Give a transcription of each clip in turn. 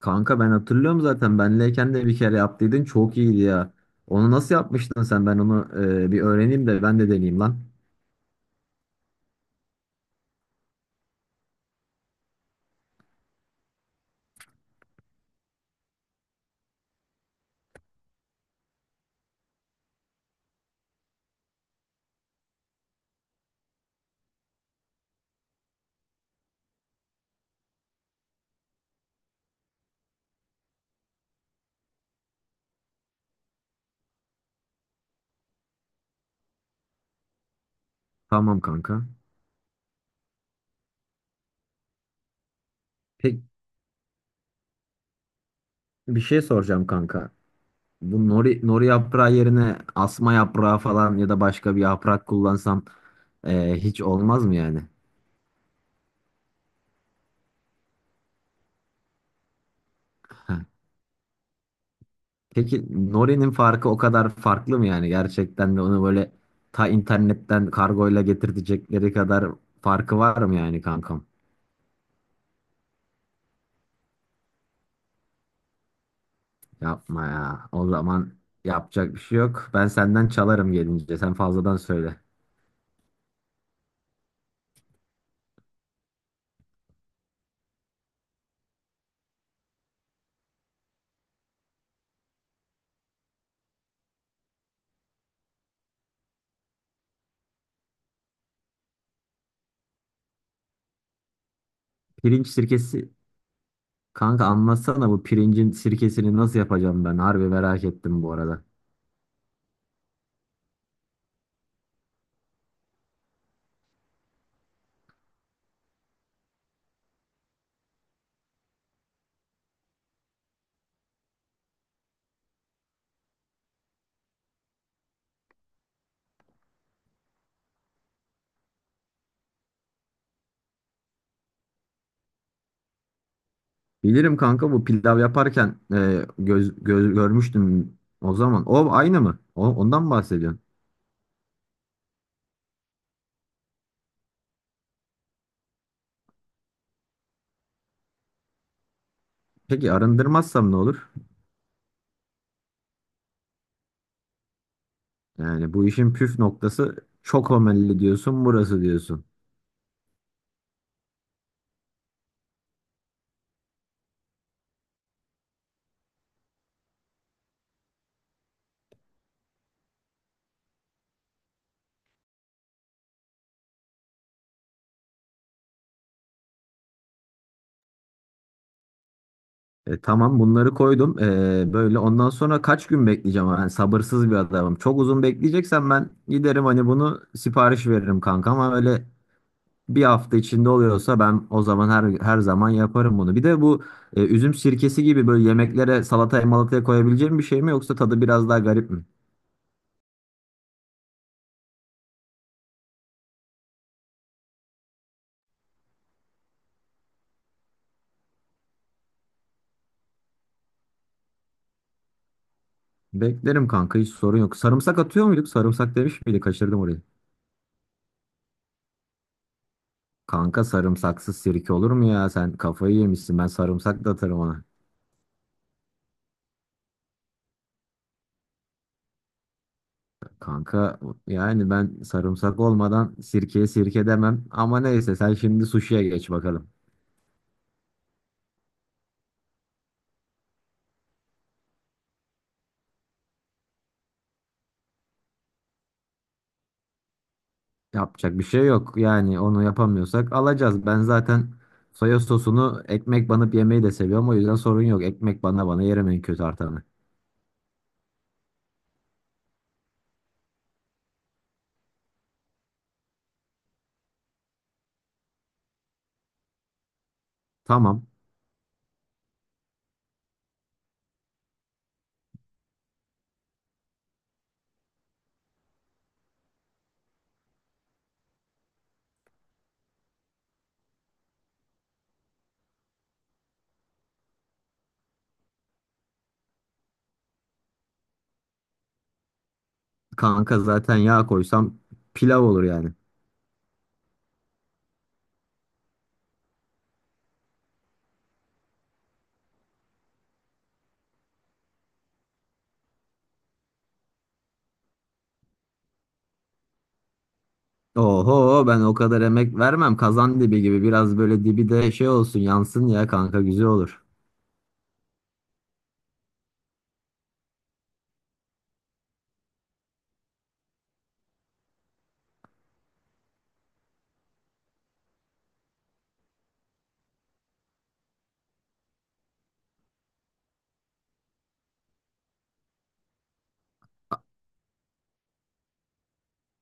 Kanka ben hatırlıyorum zaten benleyken de bir kere yaptıydın çok iyiydi ya. Onu nasıl yapmıştın sen? Ben onu bir öğreneyim de ben de deneyeyim lan. Tamam kanka. Pek bir şey soracağım kanka. Bu nori yaprağı yerine asma yaprağı falan ya da başka bir yaprak kullansam hiç olmaz mı yani? Heh. Peki norinin farkı o kadar farklı mı yani? Gerçekten de onu böyle ta internetten kargoyla getirtecekleri kadar farkı var mı yani kankam? Yapma ya. O zaman yapacak bir şey yok. Ben senden çalarım gelince. Sen fazladan söyle. Pirinç sirkesi. Kanka anlatsana bu pirincin sirkesini nasıl yapacağım ben? Harbi merak ettim bu arada. Bilirim kanka bu pilav yaparken görmüştüm o zaman. O aynı mı? O, ondan mı bahsediyorsun? Peki arındırmazsam ne olur? Yani bu işin püf noktası çok homelli diyorsun, burası diyorsun. E, tamam bunları koydum. E, böyle ondan sonra kaç gün bekleyeceğim? Yani sabırsız bir adamım. Çok uzun bekleyeceksen ben giderim hani bunu sipariş veririm kanka, ama öyle bir hafta içinde oluyorsa ben o zaman her zaman yaparım bunu. Bir de bu üzüm sirkesi gibi böyle yemeklere salataya malataya koyabileceğim bir şey mi, yoksa tadı biraz daha garip mi? Beklerim kanka, hiç sorun yok. Sarımsak atıyor muyduk? Sarımsak demiş miydi? Kaçırdım orayı. Kanka sarımsaksız sirke olur mu ya? Sen kafayı yemişsin. Ben sarımsak da atarım ona. Kanka yani ben sarımsak olmadan sirkeye sirke demem, ama neyse, sen şimdi suşiye geç bakalım. Yapacak bir şey yok yani, onu yapamıyorsak alacağız. Ben zaten soya sosunu ekmek banıp yemeyi de seviyorum, o yüzden sorun yok. Ekmek bana yerim en kötü artanı. Tamam kanka, zaten yağ koysam pilav olur yani. Oho, ben o kadar emek vermem, kazan dibi gibi biraz böyle dibi de şey olsun, yansın ya kanka, güzel olur.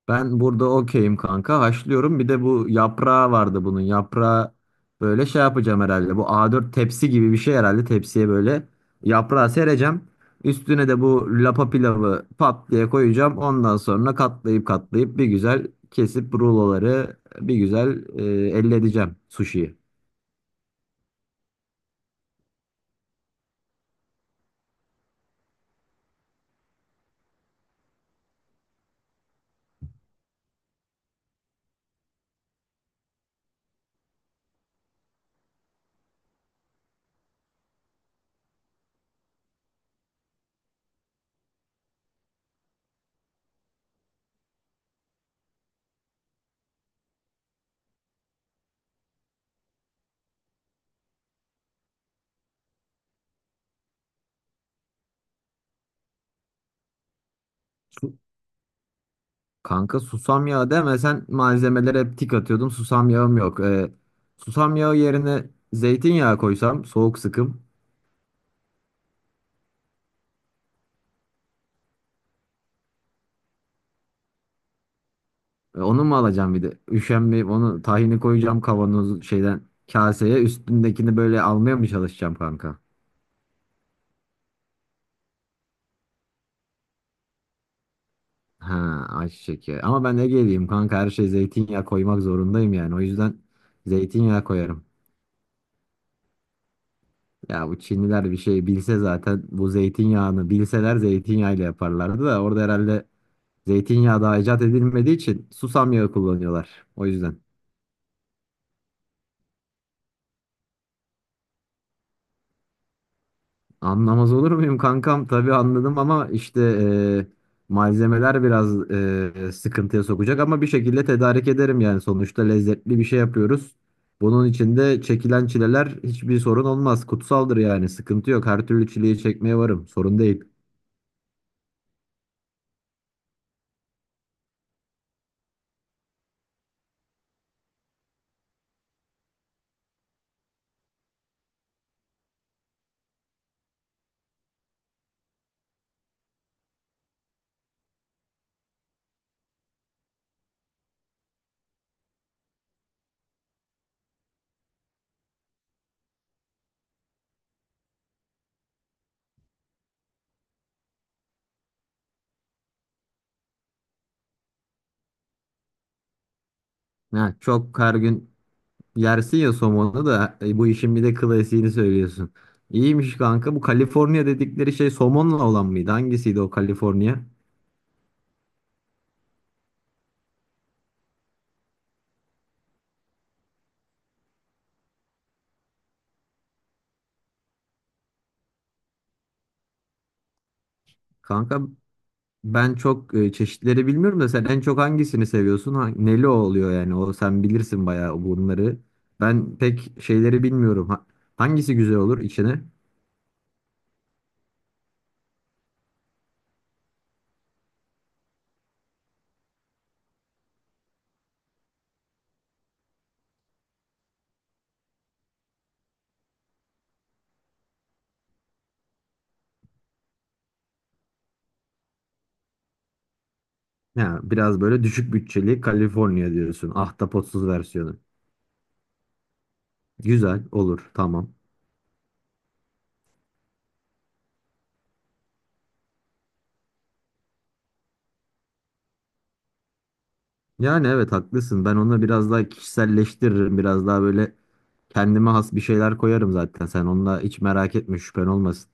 Ben burada okeyim kanka. Haşlıyorum. Bir de bu yaprağı vardı bunun. Yaprağı böyle şey yapacağım herhalde. Bu A4 tepsi gibi bir şey herhalde. Tepsiye böyle yaprağı sereceğim. Üstüne de bu lapa pilavı pat diye koyacağım. Ondan sonra katlayıp katlayıp bir güzel kesip ruloları bir güzel elde edeceğim sushiyi. Su- Kanka susam yağı deme, sen malzemelere hep tik atıyordum. Susam yağım yok. Susam yağı yerine zeytinyağı koysam, soğuk sıkım. E, onu mu alacağım bir de? Üşenmeyip onu tahini koyacağım kavanoz şeyden kaseye. Üstündekini böyle almaya mı çalışacağım kanka? Ha, ayçiçek yağı. Ama ben ne geleyim kanka, her şey zeytinyağı koymak zorundayım yani. O yüzden zeytinyağı koyarım. Ya bu Çinliler bir şey bilse zaten, bu zeytinyağını bilseler zeytinyağıyla yaparlardı da, orada herhalde zeytinyağı daha icat edilmediği için susam yağı kullanıyorlar. O yüzden. Anlamaz olur muyum kankam? Tabii anladım, ama işte malzemeler biraz sıkıntıya sokacak, ama bir şekilde tedarik ederim yani, sonuçta lezzetli bir şey yapıyoruz. Bunun içinde çekilen çileler hiçbir sorun olmaz. Kutsaldır yani, sıkıntı yok. Her türlü çileyi çekmeye varım. Sorun değil. Ha, çok her gün yersin ya somonu da, bu işin bir de klasiğini söylüyorsun. İyiymiş kanka. Bu Kaliforniya dedikleri şey somonla olan mıydı? Hangisiydi o Kaliforniya? Kanka, ben çok çeşitleri bilmiyorum da, sen en çok hangisini seviyorsun? Neli oluyor yani? O sen bilirsin bayağı bunları. Ben pek şeyleri bilmiyorum. Hangisi güzel olur içine? Ya biraz böyle düşük bütçeli Kaliforniya diyorsun. Ahtapotsuz versiyonu. Güzel olur, tamam. Yani evet, haklısın. Ben onu biraz daha kişiselleştiririm. Biraz daha böyle kendime has bir şeyler koyarım zaten. Sen onunla hiç merak etme, şüphen olmasın.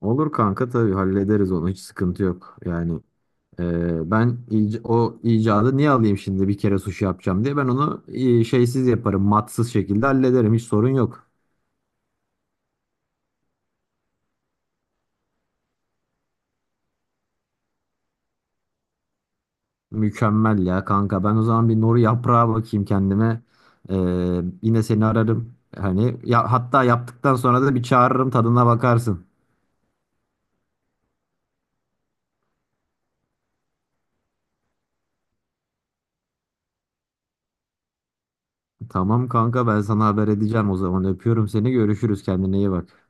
Olur kanka, tabii hallederiz onu. Hiç sıkıntı yok. Yani o icadı niye alayım şimdi bir kere sushi yapacağım diye. Ben onu şeysiz yaparım, matsız şekilde hallederim. Hiç sorun yok. Mükemmel ya kanka. Ben o zaman bir noru yaprağı bakayım kendime. Yine seni ararım. Hani ya, hatta yaptıktan sonra da bir çağırırım, tadına bakarsın. Tamam kanka, ben sana haber edeceğim o zaman. Öpüyorum seni. Görüşürüz. Kendine iyi bak.